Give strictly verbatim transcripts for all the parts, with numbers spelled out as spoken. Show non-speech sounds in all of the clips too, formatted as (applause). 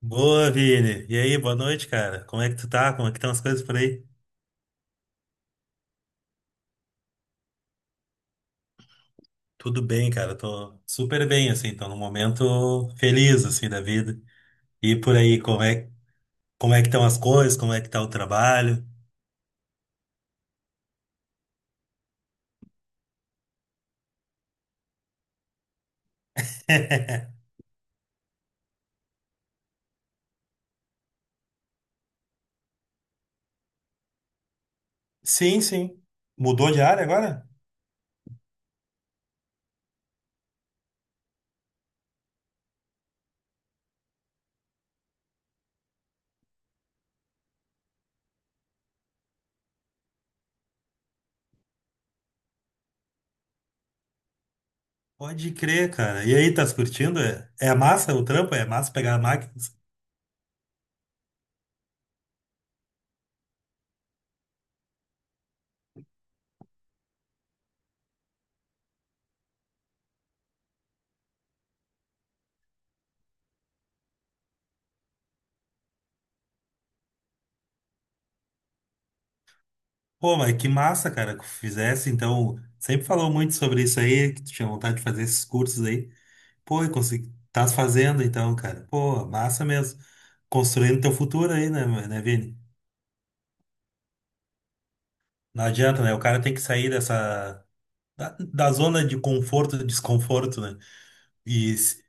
Boa, Vini. E aí, boa noite, cara. Como é que tu tá? Como é que estão as coisas por aí? Tudo bem, cara. Tô super bem, assim. Tô num momento feliz, assim, da vida. E por aí, como é, como é que estão as coisas? Como é que tá o trabalho? (laughs) Sim, sim. Mudou de área agora? Pode crer, cara. E aí, tá se curtindo? É, é massa o trampo? É massa pegar máquinas? Pô, mas que massa, cara, que fizesse. Então, sempre falou muito sobre isso aí, que tu tinha vontade de fazer esses cursos aí. Pô, e consegui... Tás fazendo então, cara. Pô, massa mesmo. Construindo teu futuro aí, né, ma- né, Vini? Não adianta, né? O cara tem que sair dessa... Da, da zona de conforto, e desconforto, né? E s-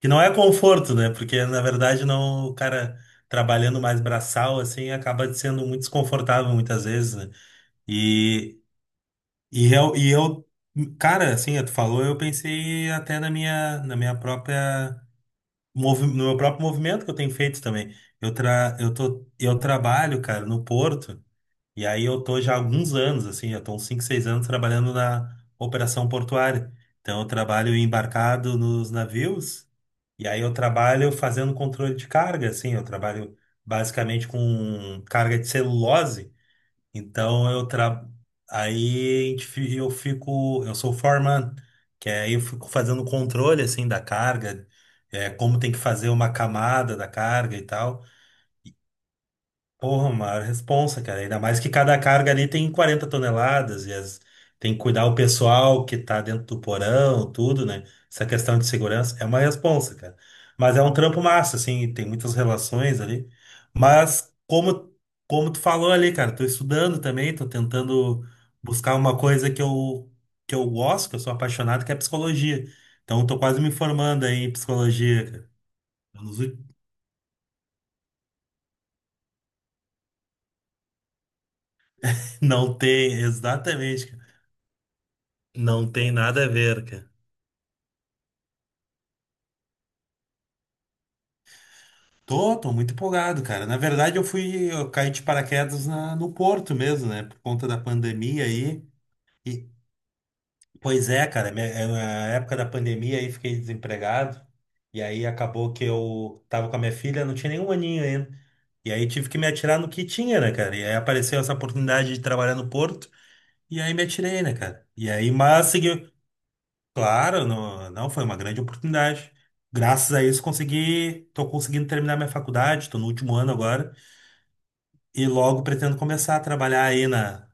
que não é conforto, né? Porque, na verdade, não... O cara trabalhando mais braçal, assim, acaba sendo muito desconfortável muitas vezes, né? E, e, eu, e eu... Cara, assim, tu falou, eu pensei até na minha, na minha própria movi- no meu próprio movimento que eu tenho feito também. Eu, tra, eu, tô, eu trabalho, cara, no Porto, e aí eu tô já há alguns anos, assim, já tô uns cinco, seis anos trabalhando na operação portuária. Então eu trabalho embarcado nos navios, e aí eu trabalho fazendo controle de carga, assim, eu trabalho basicamente com carga de celulose, então eu tra... aí a gente fi- eu fico, eu sou foreman, que aí eu fico fazendo controle assim da carga, é, como tem que fazer uma camada da carga e tal. Porra, maior responsa, cara. Ainda mais que cada carga ali tem quarenta toneladas e as- tem que cuidar o pessoal que tá dentro do porão, tudo, né? Essa questão de segurança é uma responsa, cara. Mas é um trampo massa, assim, tem muitas relações ali. Mas como, como tu falou ali, cara, tô estudando também, tô tentando buscar uma coisa que eu, que eu gosto, que eu sou apaixonado, que é psicologia. Então, tô quase me formando aí em psicologia, cara. Nos ú- (laughs) Não tem, exatamente, não tem nada a ver, cara. Tô, tô muito empolgado, cara. Na verdade, eu fui, eu caí de paraquedas na- no Porto mesmo, né? Por conta da pandemia aí. E, pois é, cara, minha- é, na época da pandemia aí fiquei desempregado. E aí acabou que eu tava com a minha filha, não tinha nenhum aninho ainda. E aí tive que me atirar no que tinha, né, cara? E aí apareceu essa oportunidade de trabalhar no Porto. E aí me atirei, né, cara? E aí, mas segui. Claro, não, não, foi uma grande oportunidade. Graças a isso consegui, tô conseguindo terminar minha faculdade, tô no último ano agora e logo pretendo começar a trabalhar aí na,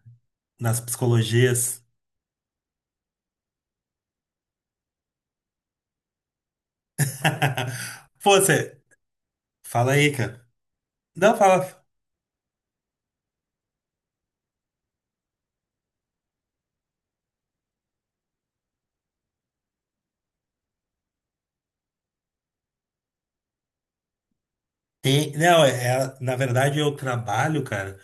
nas psicologias. (laughs) Pô, você, fala aí, cara. Não, fala. Tem- não, é, é- na verdade eu trabalho, cara,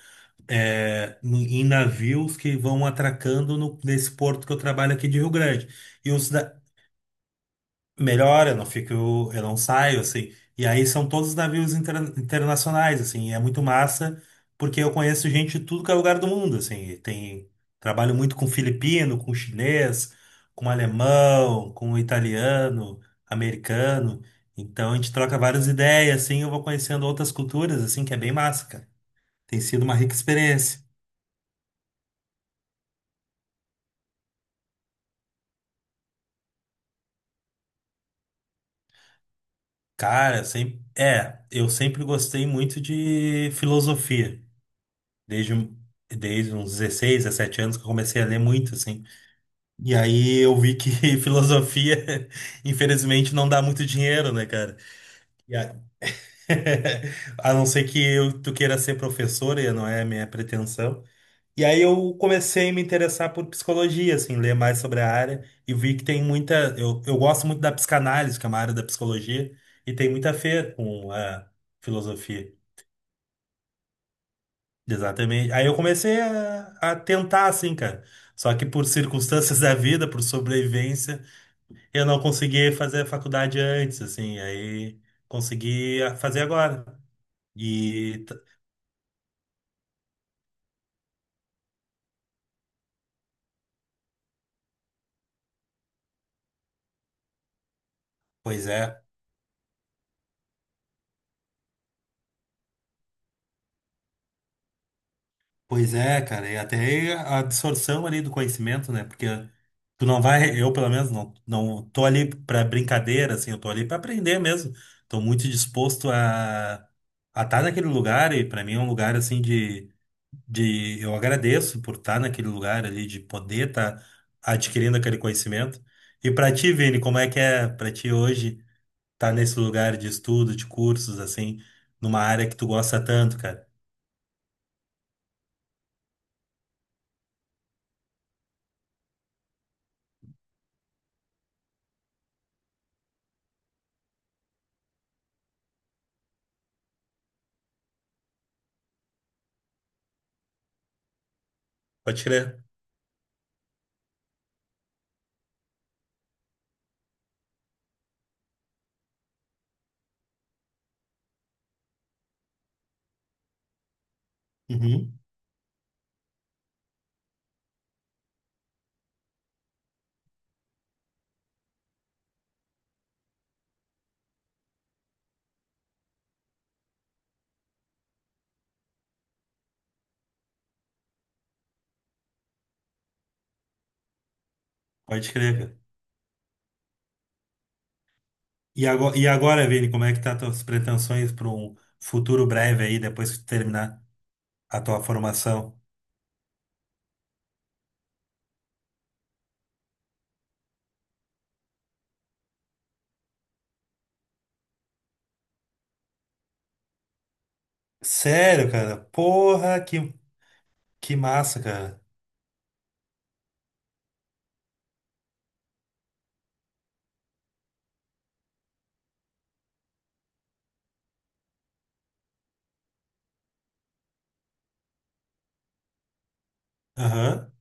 é, no- em navios que vão atracando no- nesse porto que eu trabalho aqui de Rio Grande. E os, melhor, eu não fico, eu não saio, assim. E aí são todos navios interna- internacionais, assim, e é muito massa, porque eu conheço gente de tudo que é lugar do mundo, assim. e Tem, trabalho muito com filipino, com chinês, com alemão, com italiano, americano. Então a gente troca várias ideias, assim, eu vou conhecendo outras culturas, assim, que é bem massa, cara. Tem sido uma rica experiência. Cara, sempre, é, eu sempre gostei muito de filosofia. desde, um- Desde uns dezesseis, dezessete anos que eu comecei a ler muito, assim. E aí eu vi que (laughs) filosofia, infelizmente, não dá muito dinheiro, né, cara? E a... (laughs) a não ser que eu, tu queira ser professora, e não é a minha pretensão. E aí eu comecei a me interessar por psicologia, assim, ler mais sobre a área e vi que tem muita. Eu, eu gosto muito da psicanálise, que é uma área da psicologia, e tem muita a ver com a filosofia. Exatamente. Aí eu comecei a, a tentar, assim, cara. Só que por circunstâncias (laughs) da vida, por sobrevivência, eu não consegui fazer a faculdade antes, assim. Aí consegui a- fazer agora. E, t- pois é. Pois é, cara. E até a absorção ali do conhecimento, né? Porque tu não vai, eu pelo menos, não, não tô ali pra brincadeira, assim. Eu tô ali pra aprender mesmo. Tô muito disposto a a estar naquele lugar. E pra mim é um lugar, assim, de de eu agradeço por estar naquele lugar ali, de poder estar adquirindo aquele conhecimento. E para ti, Vini, como é que é para ti hoje estar nesse lugar de estudo, de cursos, assim, numa área que tu gosta tanto, cara? Pode crer. Uhum, pode crer, cara. E agora, e agora, Vini, como é que tá as tuas pretensões para um futuro breve aí, depois que tu terminar a tua formação? Sério, cara? Porra, que, que massa, cara. Aham.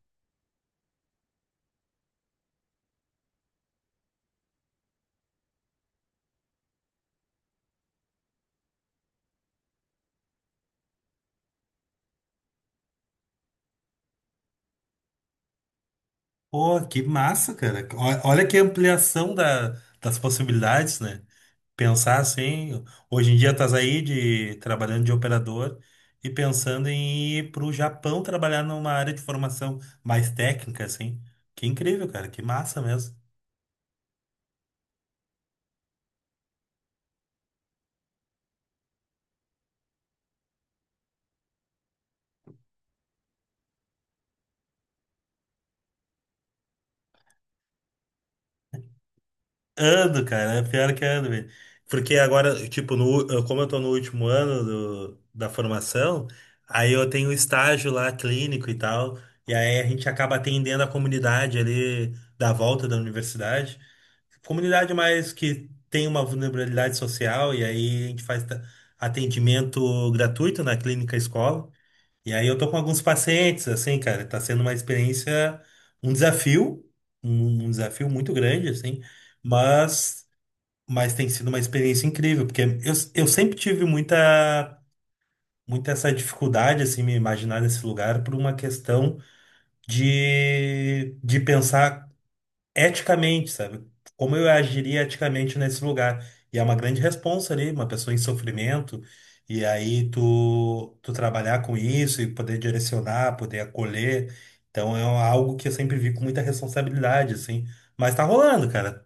Pô, que massa, cara. Ó- Olha que ampliação da- das possibilidades, né? Pensar assim, hoje em dia estás aí de, trabalhando de operador e pensando em ir para o Japão trabalhar numa área de formação mais técnica, assim. Que incrível, cara, que massa mesmo. Ando, cara, é pior que ando, velho. Porque agora, tipo, no, eu- como eu tô no último ano do- da formação, aí eu tenho estágio lá clínico e tal, e aí a gente acaba atendendo a comunidade ali da volta da universidade. Comunidade mais que tem uma vulnerabilidade social, e aí a gente faz ta- atendimento gratuito na clínica escola. E aí eu tô com alguns pacientes, assim, cara, tá sendo uma experiência, um desafio, um um desafio muito grande, assim. Mas mas tem sido uma experiência incrível, porque eu, eu sempre tive muita, muita essa dificuldade, assim, me imaginar nesse lugar por uma questão de, de pensar eticamente, sabe? Como eu agiria eticamente nesse lugar. E é uma grande responsa ali, uma pessoa em sofrimento, e aí tu, tu trabalhar com isso e poder direcionar, poder acolher. Então é algo que eu sempre vi com muita responsabilidade, assim. Mas tá rolando, cara.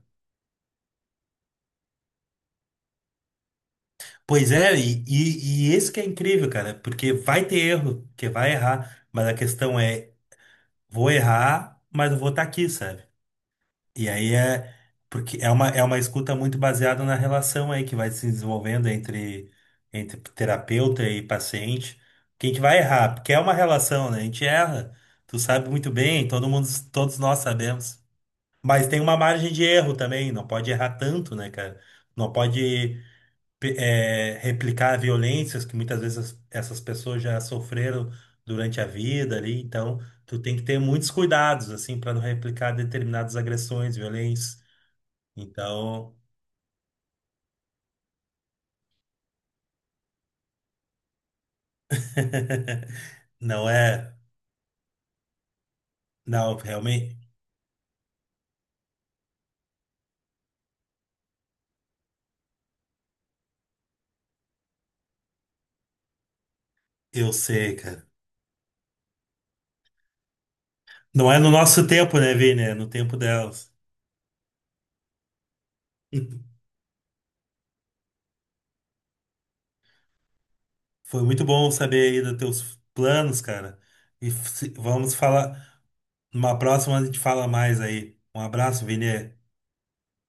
Pois é, e, e, e esse que é incrível, cara, porque vai ter erro, que vai errar, mas a questão é, vou errar, mas eu vou estar aqui, sabe? E aí é, porque é uma, é uma escuta muito baseada na relação aí que vai se desenvolvendo entre, entre terapeuta e paciente, que a gente vai errar, porque é uma relação, né? A gente erra, tu sabe muito bem, todo mundo, todos nós sabemos. Mas tem uma margem de erro também, não pode errar tanto, né, cara? Não pode pe- eh, replicar violências que muitas vezes as- essas pessoas já sofreram durante a vida ali, então tu tem que ter muitos cuidados assim para não replicar determinadas agressões, violências. Então, (laughs) não é, não, realmente eu sei, cara. Não é no nosso tempo, né, Vini? É no tempo delas. (laughs) Foi muito bom saber aí dos teus planos, cara. E se- vamos falar, numa próxima a gente fala mais aí. Um abraço, Vini.